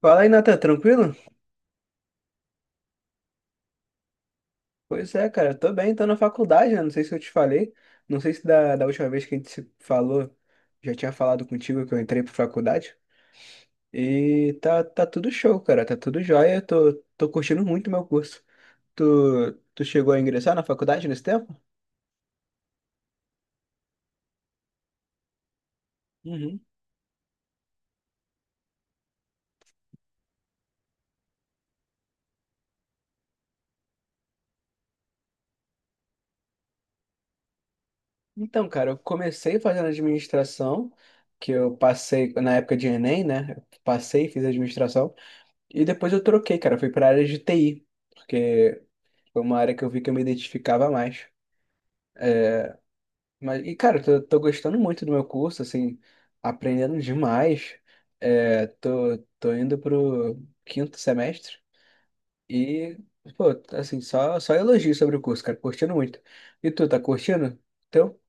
Fala aí, Nathan, tranquilo? Pois é, cara, eu tô bem, tô na faculdade, né? Não sei se eu te falei, não sei se da última vez que a gente se falou, já tinha falado contigo que eu entrei pra faculdade. E tá tudo show, cara, tá tudo jóia, eu tô curtindo muito meu curso. Tu chegou a ingressar na faculdade nesse tempo? Uhum. Então, cara, eu comecei fazendo administração, que eu passei na época de Enem, né? Eu passei, e fiz administração, e depois eu troquei, cara, eu fui pra área de TI. Porque Foi uma área que eu vi que eu me identificava mais. Mas, cara, eu tô gostando muito do meu curso, assim, aprendendo demais. É, tô indo pro quinto semestre e, pô, assim, só elogio sobre o curso, cara, curtindo muito. E tu, tá curtindo? Teu?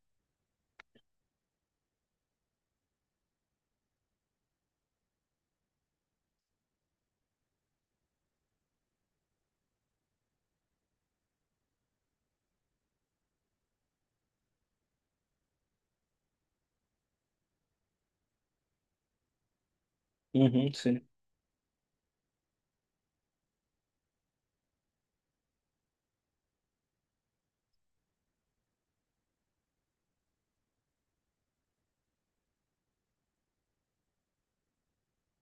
Uhum, sim.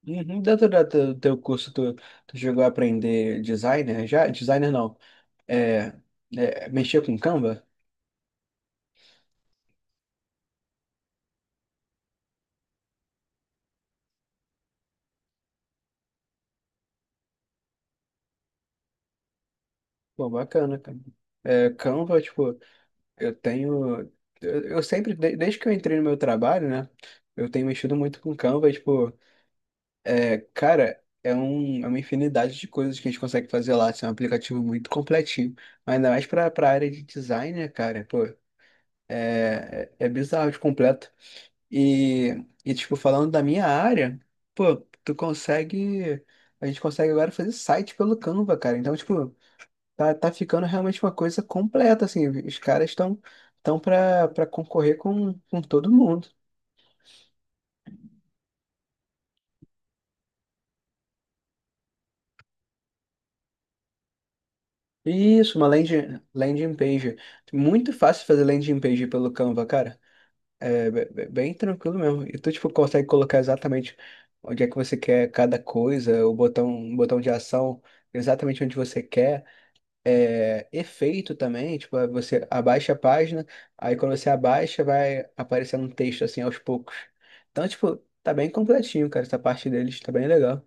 Uhum. Dentro do teu curso, tu chegou a aprender designer já? Designer não. É, mexer com Canva? Pô, bacana, cara. Canva, tipo. Eu tenho. Eu sempre, desde que eu entrei no meu trabalho, né? Eu tenho mexido muito com Canva, tipo, cara, é uma infinidade de coisas que a gente consegue fazer lá. Assim, é um aplicativo muito completinho. Mas ainda mais pra área de design, né, cara? Pô, é bizarro de completo. E, tipo, falando da minha área, pô, tu consegue. A gente consegue agora fazer site pelo Canva, cara. Então, tipo. Tá ficando realmente uma coisa completa, assim. Os caras estão tão para concorrer com todo mundo. Isso, uma landing page. Muito fácil fazer landing page pelo Canva, cara. É bem tranquilo mesmo. E tu, tipo, consegue colocar exatamente onde é que você quer cada coisa, o botão de ação exatamente onde você quer. Efeito também, tipo, você abaixa a página, aí quando você abaixa vai aparecendo um texto assim aos poucos. Então, tipo, tá bem completinho, cara, essa parte deles tá bem legal.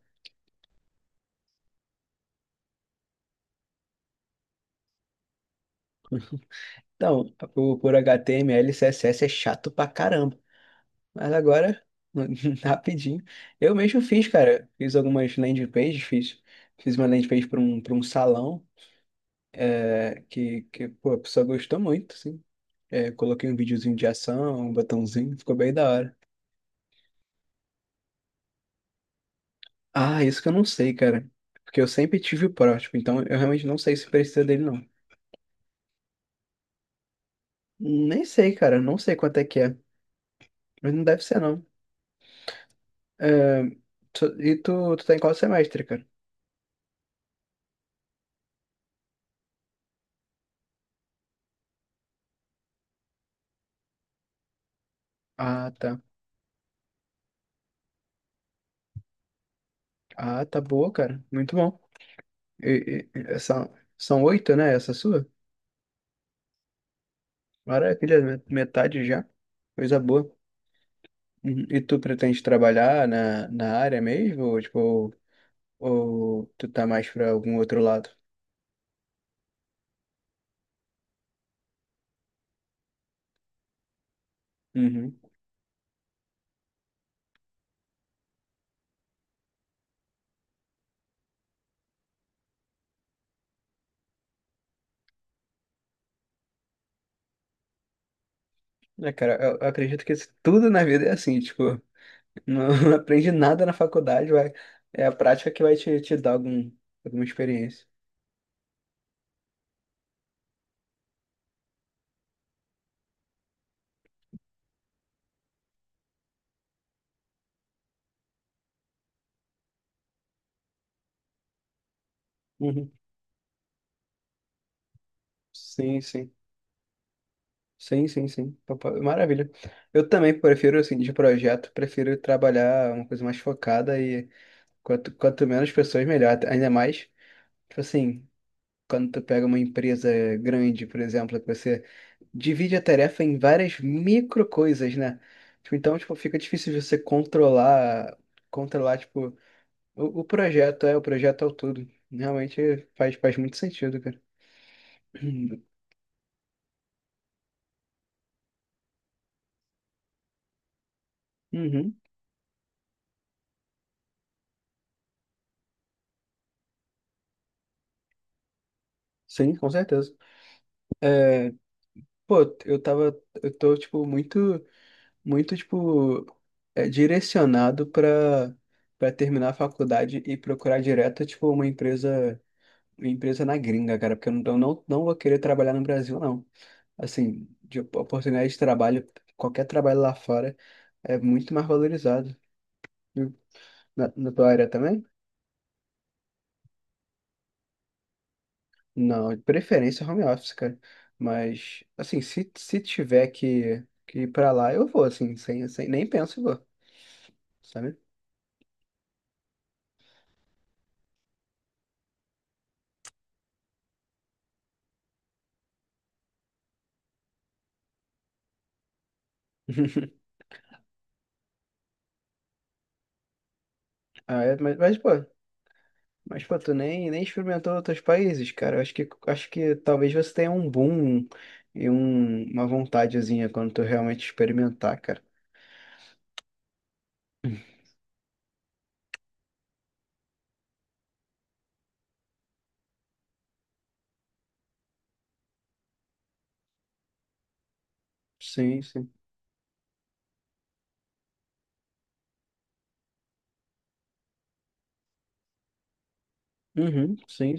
Então, por HTML, CSS é chato pra caramba, mas agora, rapidinho, eu mesmo fiz, cara, fiz algumas landing pages, fiz uma landing page para um salão, pô, a pessoa gostou muito, assim. Coloquei um videozinho de ação, um botãozinho, ficou bem da hora. Ah, isso que eu não sei, cara. Porque eu sempre tive o prótipo, então eu realmente não sei se precisa dele, não. Nem sei, cara. Não sei quanto é que é. Mas não deve ser, não. É, E tu tá em qual semestre, cara? Ah, tá. Ah, tá boa, cara. Muito bom. E, e- e- é, são, são oito, né? Essa sua? Maravilha, metade já. Coisa boa. Uhum. E tu pretende trabalhar na área mesmo? Ou, tipo, tu tá mais pra algum outro lado? Uhum. Cara, eu acredito que tudo na vida é assim, tipo, não aprende nada na faculdade, vai. É a prática que vai te dar alguma experiência. Uhum. Sim, sim. Sim, sim, sim. Maravilha. Eu também prefiro, assim, de projeto, prefiro trabalhar uma coisa mais focada e quanto menos pessoas, melhor. Ainda mais, tipo assim, quando tu pega uma empresa grande, por exemplo, que você divide a tarefa em várias micro coisas, né? Tipo, então, tipo, fica difícil de você controlar, tipo, o projeto, o projeto ao todo. Realmente faz muito sentido, cara. Uhum. Sim, com certeza. Pô, eu tô, tipo, muito, muito, tipo, direcionado pra terminar a faculdade e procurar direto, tipo, uma empresa na gringa, cara, porque eu não, não vou querer trabalhar no Brasil, não. Assim, de oportunidade de trabalho, qualquer trabalho lá fora é muito mais valorizado. E na tua área também? Não, de preferência home office, cara. Mas, assim, se tiver que ir pra lá, eu vou, assim, sem, sem, nem penso e vou, sabe? Ah, mas, pô, tu nem experimentou outros países, cara. Acho que talvez você tenha um boom e uma vontadezinha quando tu realmente experimentar, cara. Sim, sim. Uhum, sim.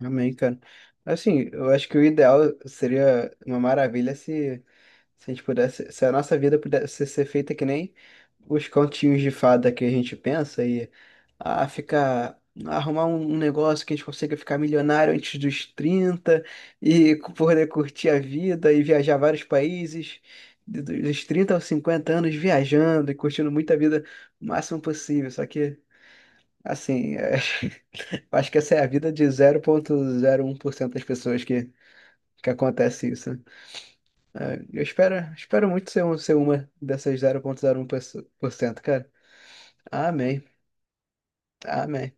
Amém, cara. Assim, eu acho que o ideal seria uma maravilha se a gente pudesse, se a nossa vida pudesse ser feita que nem os continhos de fada que a gente pensa e ficar arrumar um negócio que a gente consiga ficar milionário antes dos 30 e poder curtir a vida e viajar vários países dos 30 aos 50 anos viajando e curtindo muita vida o máximo possível. Só que assim, acho que essa é a vida de 0,01% das pessoas que acontece isso. Eu espero, muito ser, ser uma dessas 0,01%, cara. Amém. Amém.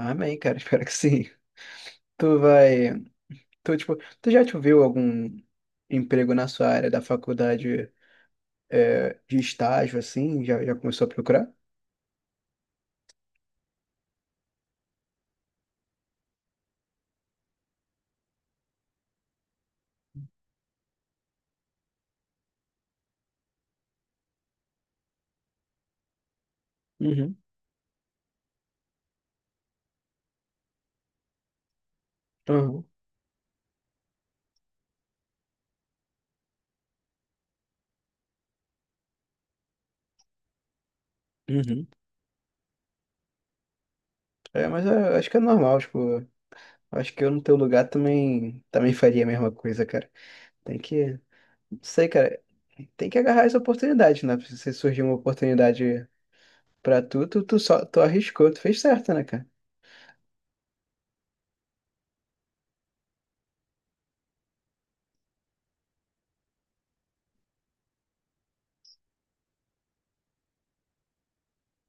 Amém, cara. Espero que sim. Tu vai. Tu, tipo, tu já te viu algum emprego na sua área da faculdade, de estágio, assim? Já começou a procurar? Uhum, uhum, uhum. Mas eu acho que é normal, tipo, acho que eu no teu lugar também faria a mesma coisa, cara. Tem que, não sei, cara, tem que agarrar as oportunidades, né? Se surgir uma oportunidade pra tu só, tu arriscou, tu fez certo, né, cara?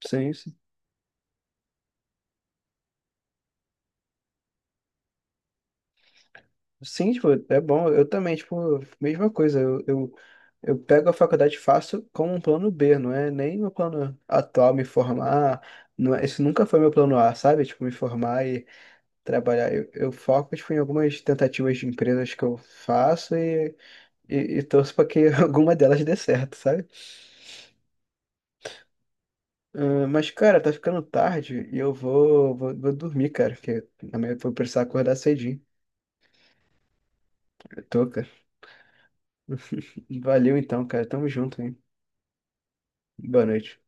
Sim, sim. Sim, tipo, é bom, eu também, tipo, mesma coisa, eu pego a faculdade e faço como um plano B, não é nem meu plano atual me formar, não é, esse nunca foi meu plano A, sabe? Tipo, me formar trabalhar. Eu foco, tipo, em algumas tentativas de empresas que eu faço e, e torço para que alguma delas dê certo, sabe? Ah, mas, cara, tá ficando tarde e eu vou dormir, cara, porque amanhã eu vou precisar acordar cedinho. Eu tô, cara. Valeu então, cara. Tamo junto, hein? Boa noite.